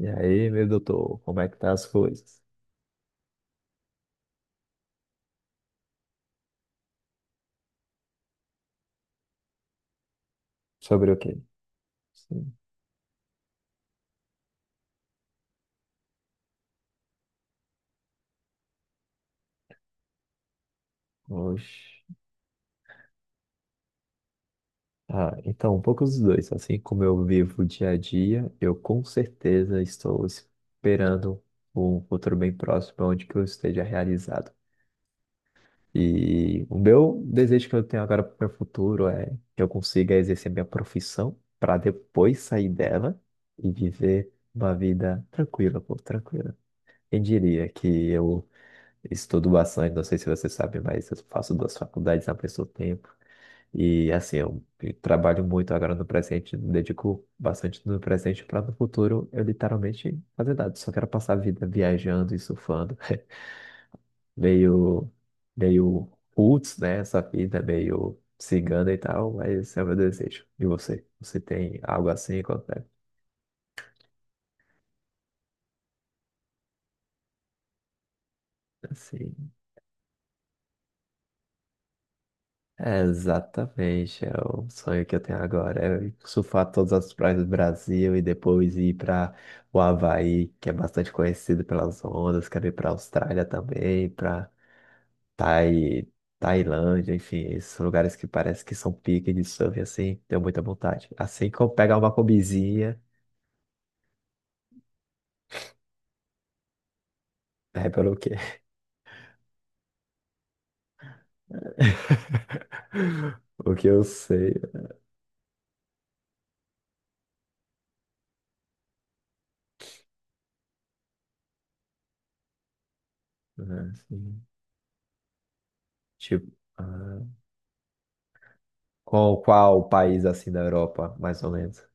E aí, meu doutor, como é que tá as coisas? Sobre o quê? Sim. Oxe. Ah, então, um pouco dos dois. Assim como eu vivo o dia a dia, eu com certeza estou esperando um futuro bem próximo onde que eu esteja realizado. E o meu desejo que eu tenho agora para o meu futuro é que eu consiga exercer minha profissão para depois sair dela e viver uma vida tranquila, pô, tranquila. Quem diria que eu Estudo bastante, não sei se você sabe, mas eu faço duas faculdades ao mesmo tempo. E assim, eu trabalho muito agora no presente, dedico bastante no presente para no futuro eu literalmente fazer nada. Só quero passar a vida viajando e surfando. Meio, meio roots, né? Essa vida meio cigana e tal, mas esse é o meu desejo. E você? Você tem algo assim? Qual é? Assim. É exatamente, é o sonho que eu tenho agora, é surfar todas as praias do Brasil e depois ir para o Havaí, que é bastante conhecido pelas ondas, quero ir para a Austrália também, para Tai... Tailândia, enfim, esses lugares que parece que são pique de surf, assim, tenho muita vontade. Assim que eu pegar uma combizinha, é pelo quê? O que eu sei, né, assim, tipo, ah, qual país assim da Europa, mais ou menos?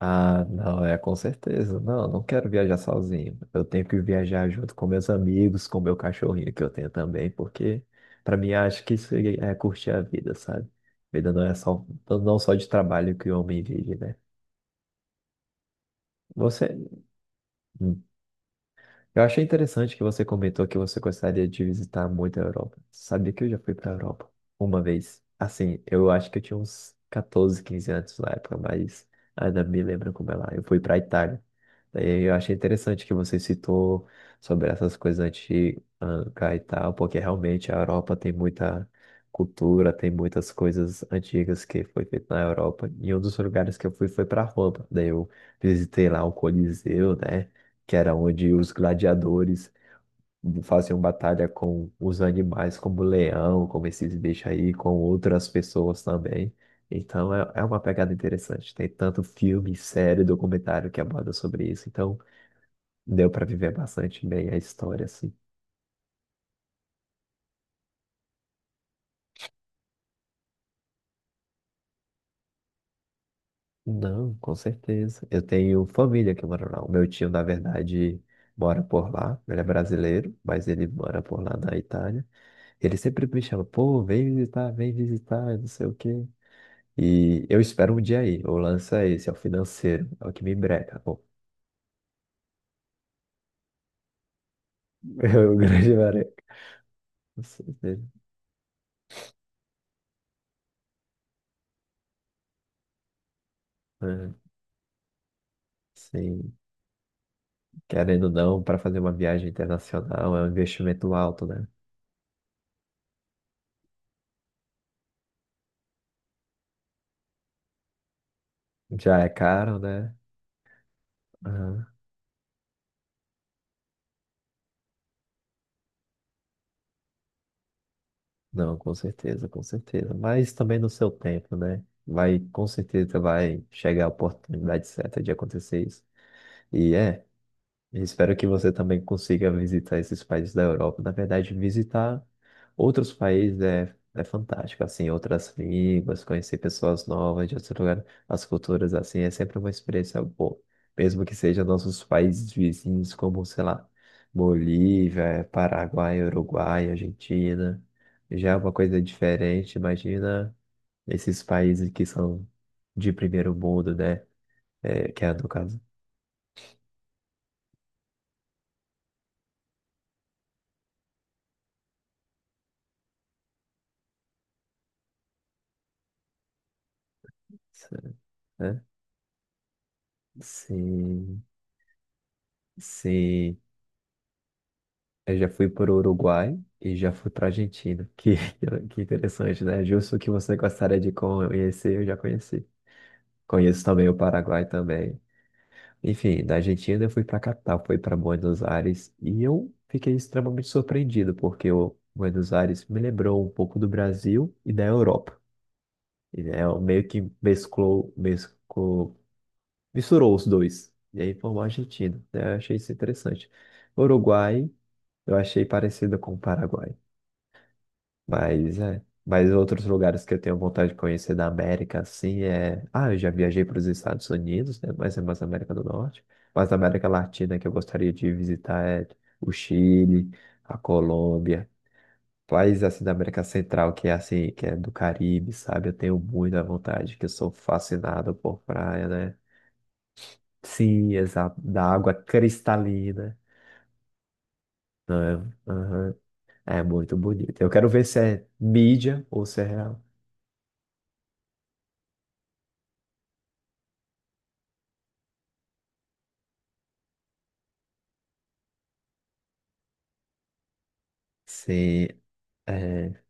Ah, não, é com certeza. Não, não quero viajar sozinho. Eu tenho que viajar junto com meus amigos, com meu cachorrinho que eu tenho também, porque para mim acho que isso é curtir a vida, sabe? Vida não é só não só de trabalho que o homem vive, né? Você Eu achei interessante que você comentou que você gostaria de visitar muito a Europa. Sabia que eu já fui para a Europa uma vez. Assim, eu acho que eu tinha uns 14, 15 anos na época, mas ainda me lembro como é lá. Eu fui para a Itália. Daí eu achei interessante que você citou sobre essas coisas antigas e tal, porque realmente a Europa tem muita cultura, tem muitas coisas antigas que foi feita na Europa. E um dos lugares que eu fui foi para Roma. Daí eu visitei lá o Coliseu, né? Que era onde os gladiadores faziam batalha com os animais, como o leão, como esses bichos aí, com outras pessoas também. Então é uma pegada interessante. Tem tanto filme, série, documentário que aborda sobre isso. Então deu para viver bastante bem a história, assim. Não, com certeza. Eu tenho família que mora lá. O meu tio, na verdade, mora por lá. Ele é brasileiro, mas ele mora por lá na Itália. Ele sempre me chama, pô, vem visitar, não sei o quê. E eu espero um dia aí. O lance é esse, é o financeiro. É o que me breca, pô. É o grande breca. Com certeza. É, sim, querendo ou não, para fazer uma viagem internacional é um investimento alto, né? Já é caro, né? Aham. Não, com certeza, com certeza. Mas também no seu tempo, né? Vai, com certeza vai chegar a oportunidade certa de acontecer isso. E é. E espero que você também consiga visitar esses países da Europa. Na verdade, visitar outros países é fantástico, assim, outras línguas, conhecer pessoas novas de outros lugares, as culturas, assim, é sempre uma experiência boa. Mesmo que sejam nossos países vizinhos, como, sei lá, Bolívia, Paraguai, Uruguai, Argentina, já é uma coisa diferente. Imagina esses países que são de primeiro mundo, né? É, que é, no caso, né? Sim. Sim, eu já fui para o Uruguai e já fui para a Argentina. Que, que interessante, né? Justo o que você gostaria de conhecer, eu já conheci. Conheço também o Paraguai também. Enfim, da Argentina eu fui para a capital, fui para Buenos Aires e eu fiquei extremamente surpreendido porque o Buenos Aires me lembrou um pouco do Brasil e da Europa. E né, eu meio que misturou os dois. E aí formou a Argentina, né? Eu achei isso interessante. Uruguai. Eu achei parecida com o Paraguai. Mas é. Mas outros lugares que eu tenho vontade de conhecer da América, assim, é. Ah, eu já viajei para os Estados Unidos, né? Mas é mais América do Norte. Mas a América Latina que eu gostaria de visitar é o Chile, a Colômbia, países assim da América Central, que é assim, que é do Caribe, sabe? Eu tenho muita vontade, que eu sou fascinado por praia, né? Sim, exato. Da água cristalina. Aham. É muito bonito. Eu quero ver se é mídia ou se é real. Sei, é,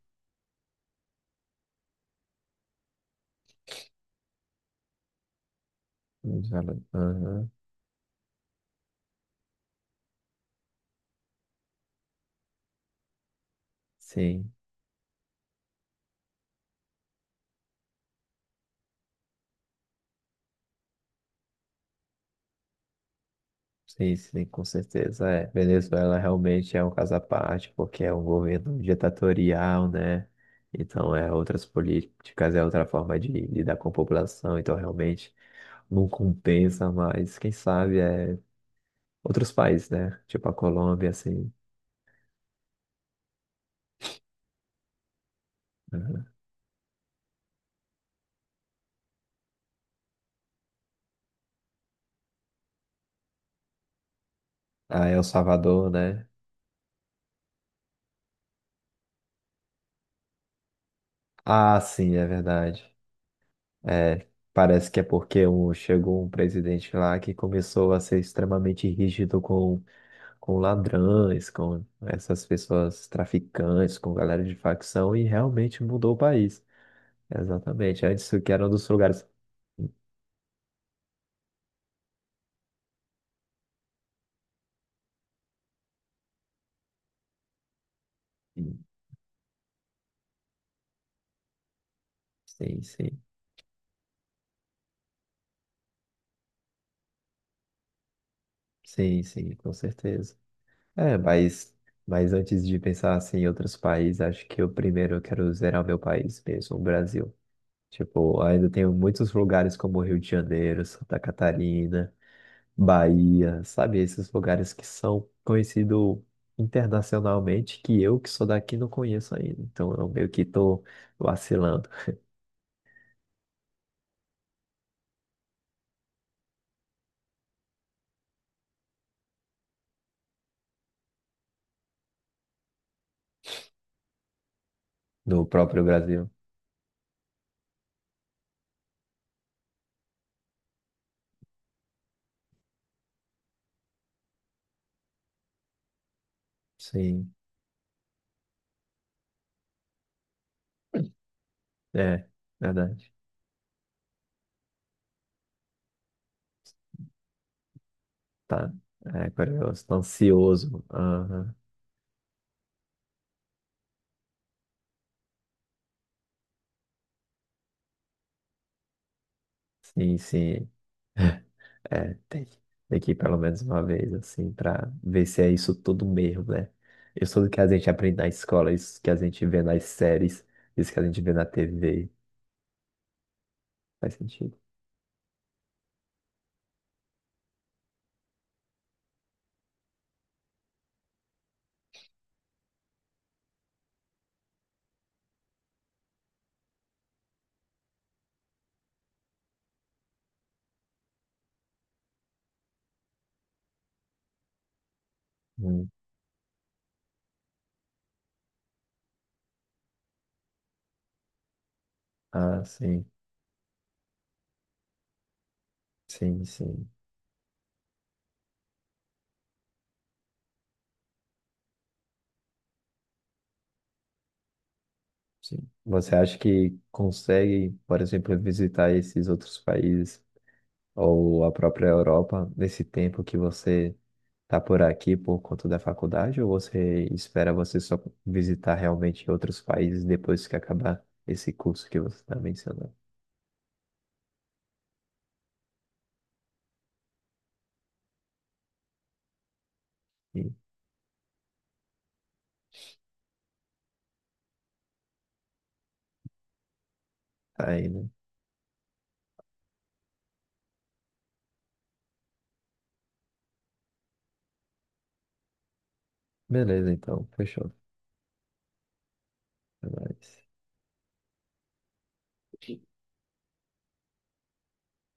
Venezuela, aham, sim, sim, sim, com certeza, é, Venezuela realmente é um caso à parte, porque é um governo ditatorial, né, então é outras políticas, é outra forma de lidar com a população, então realmente não compensa, mas quem sabe é outros países, né, tipo a Colômbia, assim, aham. Ah, El Salvador, né, ah, sim, é verdade, é, parece que é porque um, chegou um presidente lá que começou a ser extremamente rígido com ladrões, com essas pessoas traficantes, com galera de facção, e realmente mudou o país. Exatamente. Antes o que era um dos lugares. Sim, sim, sim, sim, sim, com certeza. É, mas antes de pensar assim, em outros países, acho que eu primeiro quero zerar meu país mesmo, o Brasil. Tipo, ainda tenho muitos lugares como Rio de Janeiro, Santa Catarina. Bahia, sabe? Esses lugares que são conhecidos internacionalmente, que eu que sou daqui não conheço ainda. Então eu meio que tô vacilando no próprio Brasil. Sim, é, verdade. Tá. É curioso, tô ansioso. Aham. Sim, sim. É, tem que ir pelo menos uma vez, assim, pra ver se é isso tudo mesmo, né? Isso tudo que a gente aprende na escola, isso que a gente vê nas séries, isso que a gente vê na TV. Faz sentido. Hum. Ah, sim. Sim, sim, sim. Você acha que consegue, por exemplo, visitar esses outros países ou a própria Europa nesse tempo que você está por aqui por conta da faculdade, ou você espera você só visitar realmente outros países depois que acabar esse curso que você está mencionando? E tá aí, né? Beleza, então, fechou. Até mais.